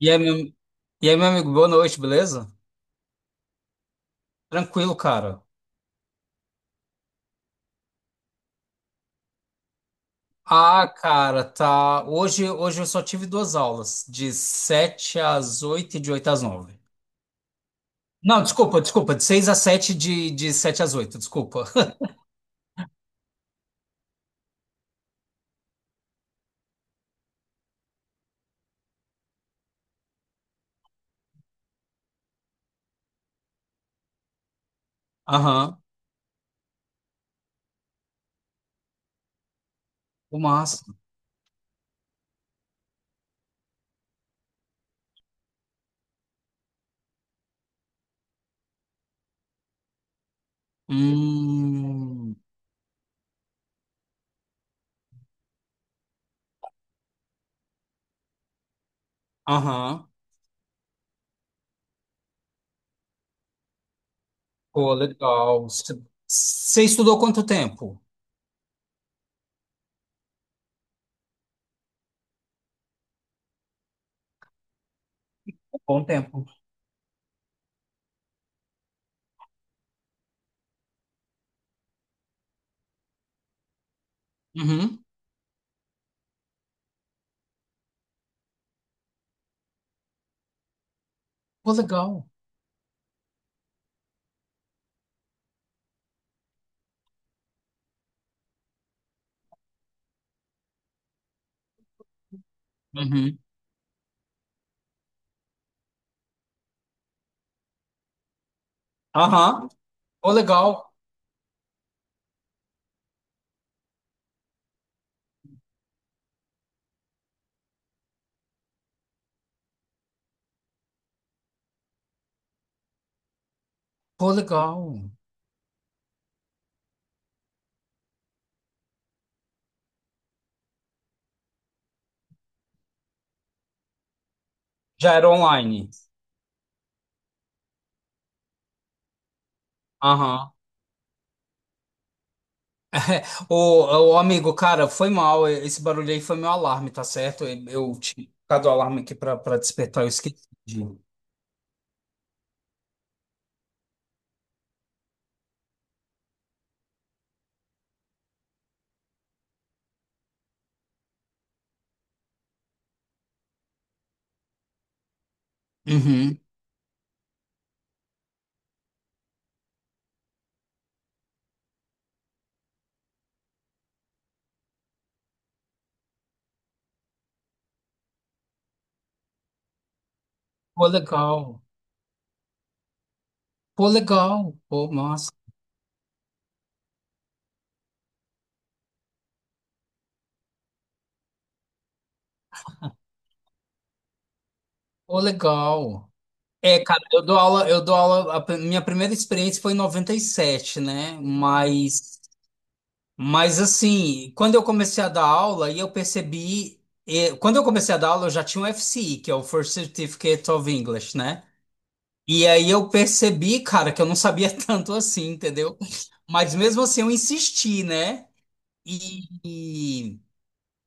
E aí, meu, e aí, meu amigo, boa noite, beleza? Tranquilo, cara. Ah, cara, tá. Hoje eu só tive duas aulas, de 7 às oito e de 8 às nove. Não, desculpa, de seis às sete e de sete às oito, desculpa. Aham, o máximo. Hum, aham, pô, legal. Você estudou quanto tempo? Bom tempo. Uhum. Pô, legal. Uhum. Aham, pô, legal. Pô, legal. Já era online. Aham. Ô, amigo, cara, foi mal. Esse barulho aí foi meu alarme, tá certo? Eu tinha colocado o alarme aqui pra despertar, eu esqueci. Uhum. Pô, legal. Pô, legal. Pô, massa. Pô, legal. É, cara, eu dou aula, minha primeira experiência foi em 97, né? Mas assim, quando eu comecei a dar aula, e eu percebi, quando eu comecei a dar aula, eu já tinha o FCI, que é o First Certificate of English, né? E aí eu percebi, cara, que eu não sabia tanto assim, entendeu? Mas mesmo assim eu insisti, né? E,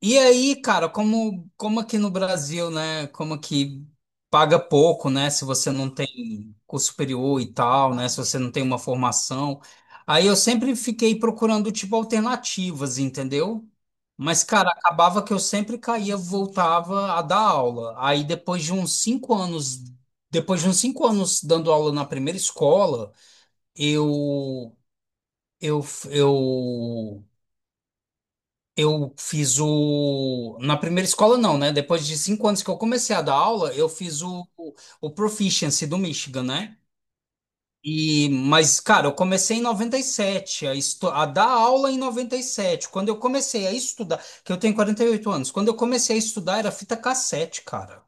e aí, cara, como aqui no Brasil, né? Como aqui paga pouco, né? Se você não tem curso superior e tal, né? Se você não tem uma formação. Aí eu sempre fiquei procurando, tipo, alternativas, entendeu? Mas, cara, acabava que eu sempre caía, voltava a dar aula. Aí depois de uns 5 anos, depois de uns 5 anos dando aula na primeira escola, eu, eu, eu eu fiz o. Na primeira escola, não, né? Depois de 5 anos que eu comecei a dar aula, eu fiz o, o Proficiency do Michigan, né? Cara, eu comecei em 97 a, a dar aula em 97. Quando eu comecei a estudar, que eu tenho 48 anos, quando eu comecei a estudar era fita cassete, cara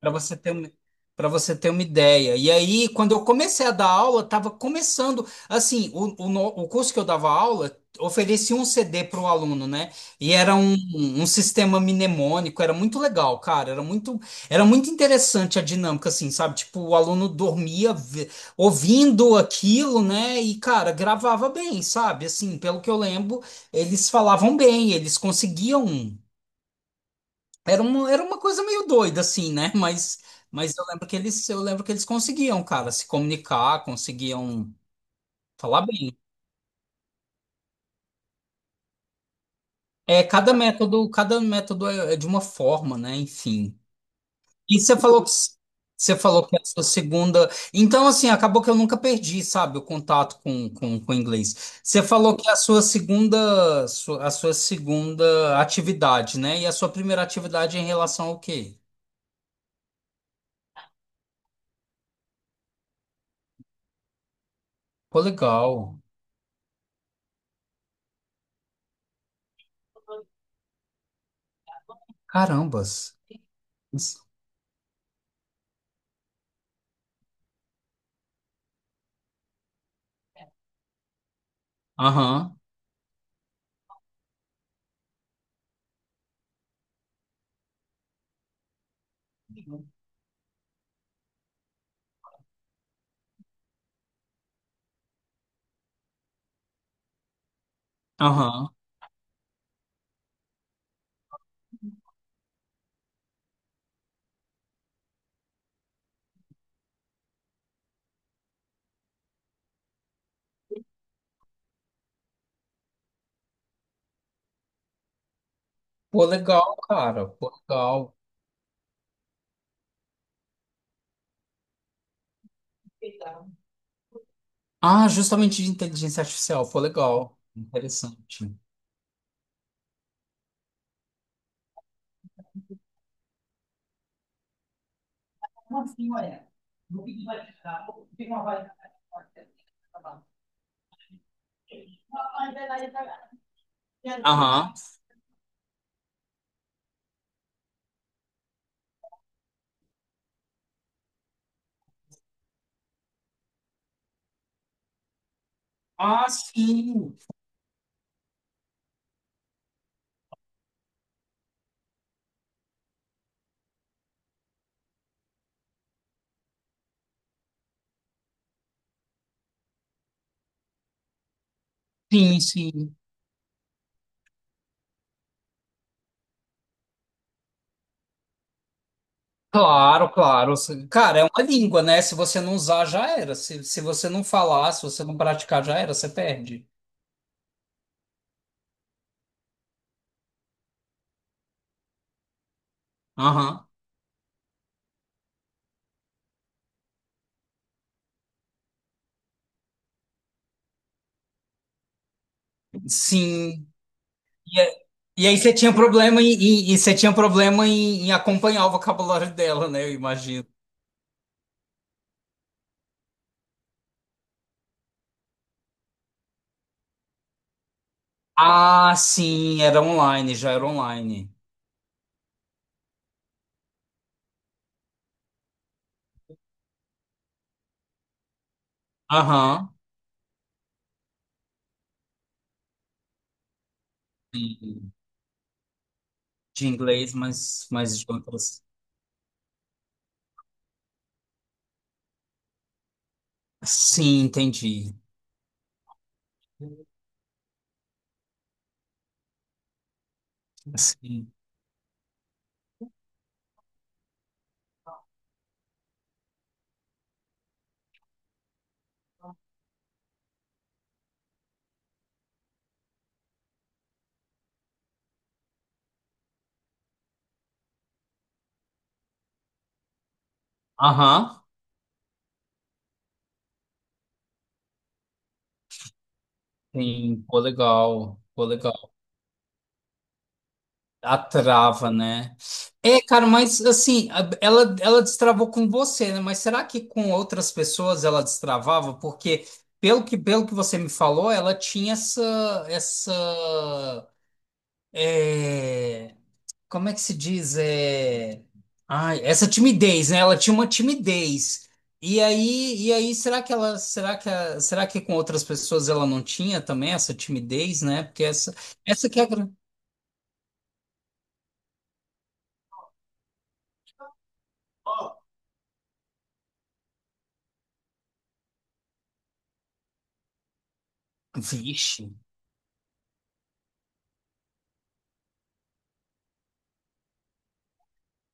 para você ter uma, para você ter uma ideia. E aí, quando eu comecei a dar aula, estava começando, assim, o, no- o curso que eu dava aula oferecia um CD para o aluno, né? E era um sistema mnemônico, era muito legal, cara, era muito interessante a dinâmica, assim, sabe? Tipo, o aluno dormia ouvindo aquilo, né? E, cara, gravava bem, sabe? Assim, pelo que eu lembro, eles falavam bem, eles conseguiam. Era uma coisa meio doida, assim, né? Mas eu lembro que eles conseguiam, cara, se comunicar, conseguiam falar bem. É, cada método é de uma forma, né? Enfim. E você falou que é a sua segunda. Então, assim, acabou que eu nunca perdi, sabe, o contato com, com o inglês. Você falou que é a sua segunda atividade, né? E a sua primeira atividade é em relação ao quê? Pô, legal. Carambas. Isso. Aham. Aham. Pô, legal, cara. Pô, legal. Ah, justamente de inteligência artificial. Foi legal. Interessante. Aham. Ah, sim. Sim, sim. Claro, claro. Cara, é uma língua, né? Se você não usar, já era. Se você não falar, se você não praticar, já era, você perde. Aham. Sim. E, é- e aí você tinha problema em acompanhar o vocabulário dela, né? Eu imagino. Ah, sim, era online, já era online. Aham. Sim, de inglês, mas de outras. Sim, entendi. Sim. Aham. Sim, pô, legal. Pô, legal. A trava, né? É, cara, mas assim, ela destravou com você, né? Mas será que com outras pessoas ela destravava? Porque, pelo que você me falou, ela tinha é como é que se diz? É... Ai, essa timidez, né? Ela tinha uma timidez. E aí, será que com outras pessoas ela não tinha também essa timidez, né? Porque essa que é a grande. Vixe.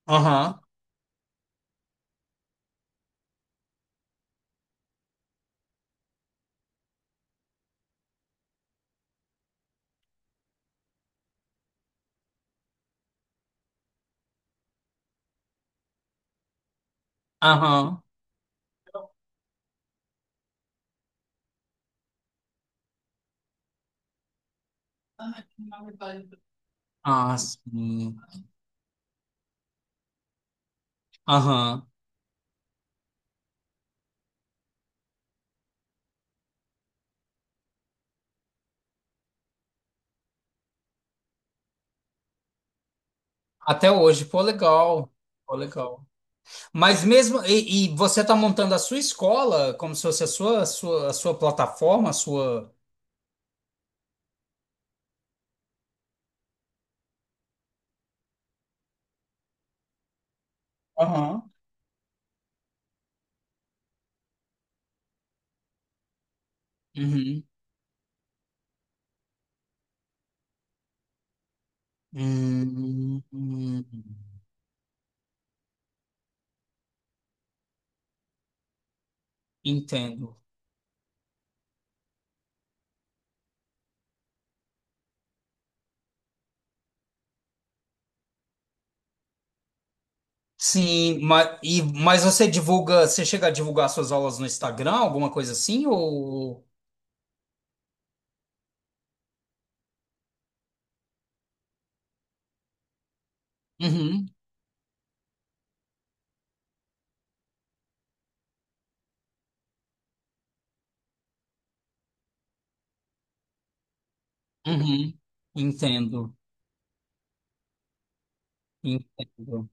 Aham, aham. Ah, sim. Aham. Até hoje, pô, legal. Pô, legal. Mas mesmo, e você tá montando a sua escola como se fosse a sua plataforma, a sua. Aham. Uhum. Hum, hum, entendo. Sim, mas você divulga, você chega a divulgar suas aulas no Instagram, alguma coisa assim, ou... Uhum, uhum, entendo, entendo.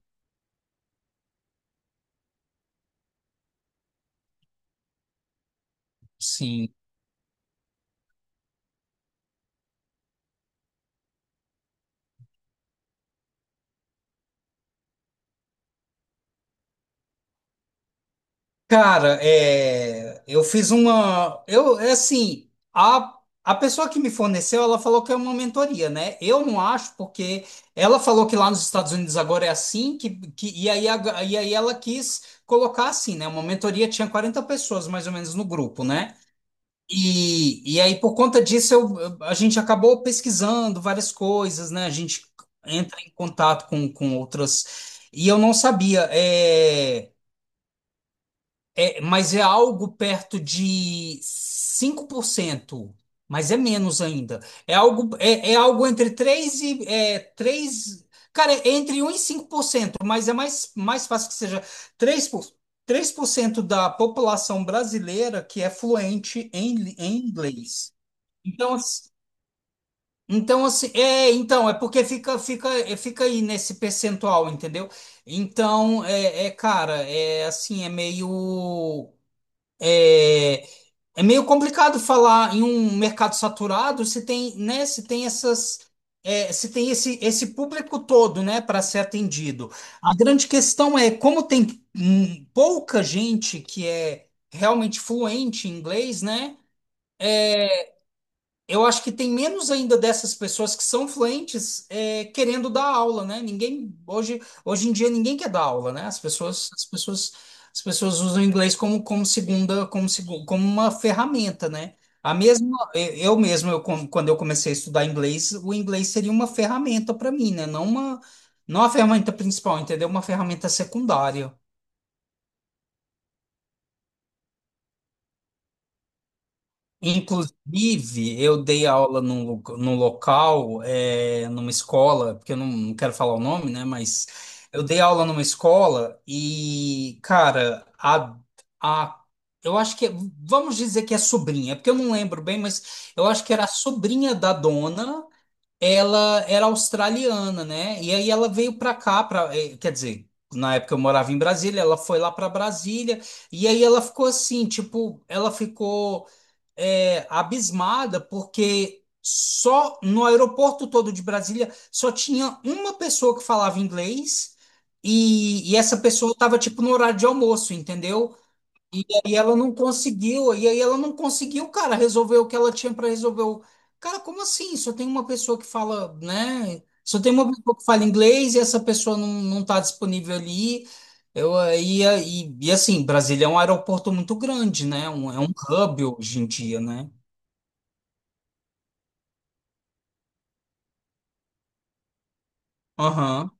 Sim, cara, é, eu fiz uma. Eu, é assim, a pessoa que me forneceu, ela falou que é uma mentoria, né? Eu não acho, porque ela falou que lá nos Estados Unidos agora é assim, e aí ela quis colocar assim, né? Uma mentoria tinha 40 pessoas mais ou menos no grupo, né? E aí, por conta disso, a gente acabou pesquisando várias coisas, né? A gente entra em contato com outras. E eu não sabia. Mas é algo perto de 5%, mas é menos ainda. É algo entre 3 e 3, cara, é entre 1 e 5%, mas é mais fácil que seja 3 por, 3% da população brasileira que é fluente em, em inglês. Então, então assim, então é porque fica fica aí nesse percentual, entendeu? Então, cara, é assim, é é, meio complicado falar em um mercado saturado se tem, né, se tem essas, se tem esse público todo, né, para ser atendido. A grande questão é como tem pouca gente que é realmente fluente em inglês, né? Eu acho que tem menos ainda dessas pessoas que são fluentes querendo dar aula, né? Hoje em dia ninguém quer dar aula, né? As pessoas usam o inglês como, como segunda, como, segu- como uma ferramenta, né? Eu mesmo, quando eu comecei a estudar inglês, o inglês seria uma ferramenta para mim, né? Não a ferramenta principal, entendeu? Uma ferramenta secundária. Inclusive, eu dei aula num local, numa escola, porque eu não quero falar o nome, né? Mas eu dei aula numa escola e, cara, a, eu acho que, vamos dizer que é sobrinha, porque eu não lembro bem, mas eu acho que era a sobrinha da dona, ela era australiana, né? E aí ela veio pra cá, quer dizer, na época eu morava em Brasília, ela foi lá pra Brasília, e aí ela ficou abismada, porque só no aeroporto todo de Brasília só tinha uma pessoa que falava inglês e essa pessoa estava tipo no horário de almoço, entendeu? E aí ela não conseguiu, e aí ela não conseguiu, cara, resolver o que ela tinha para resolver. Cara, como assim? Só tem uma pessoa que fala, né? Só tem uma pessoa que fala inglês e essa pessoa não, não tá disponível ali. Eu, e Assim, Brasília é um aeroporto muito grande, né? É um hub hoje em dia, né? Aham.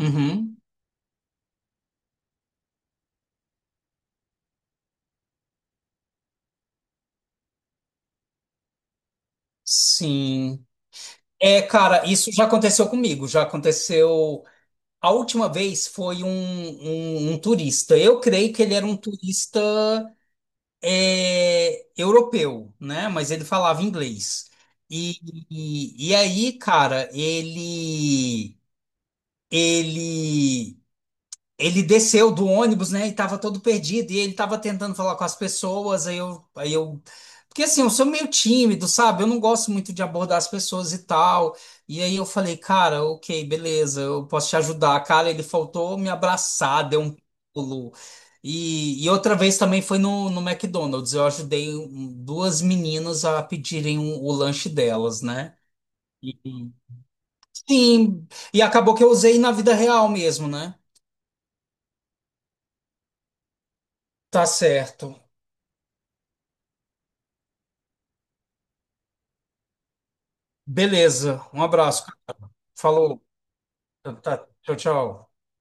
Uhum. Sim. É, cara, isso já aconteceu comigo. Já aconteceu. A última vez foi um turista. Eu creio que ele era um turista europeu, né? Mas ele falava inglês. E, e aí, cara, Ele. ele desceu do ônibus, né? E tava todo perdido. E ele tava tentando falar com as pessoas. Aí eu, aí eu. Porque assim, eu sou meio tímido, sabe? Eu não gosto muito de abordar as pessoas e tal. E aí eu falei, cara, ok, beleza, eu posso te ajudar. Cara, ele faltou me abraçar, deu um pulo. E outra vez também foi no McDonald's. Eu ajudei duas meninas a pedirem o lanche delas, né? E- Sim, e acabou que eu usei na vida real mesmo, né? Tá certo. Beleza, um abraço. Falou. Tá, tá. Tchau, tchau.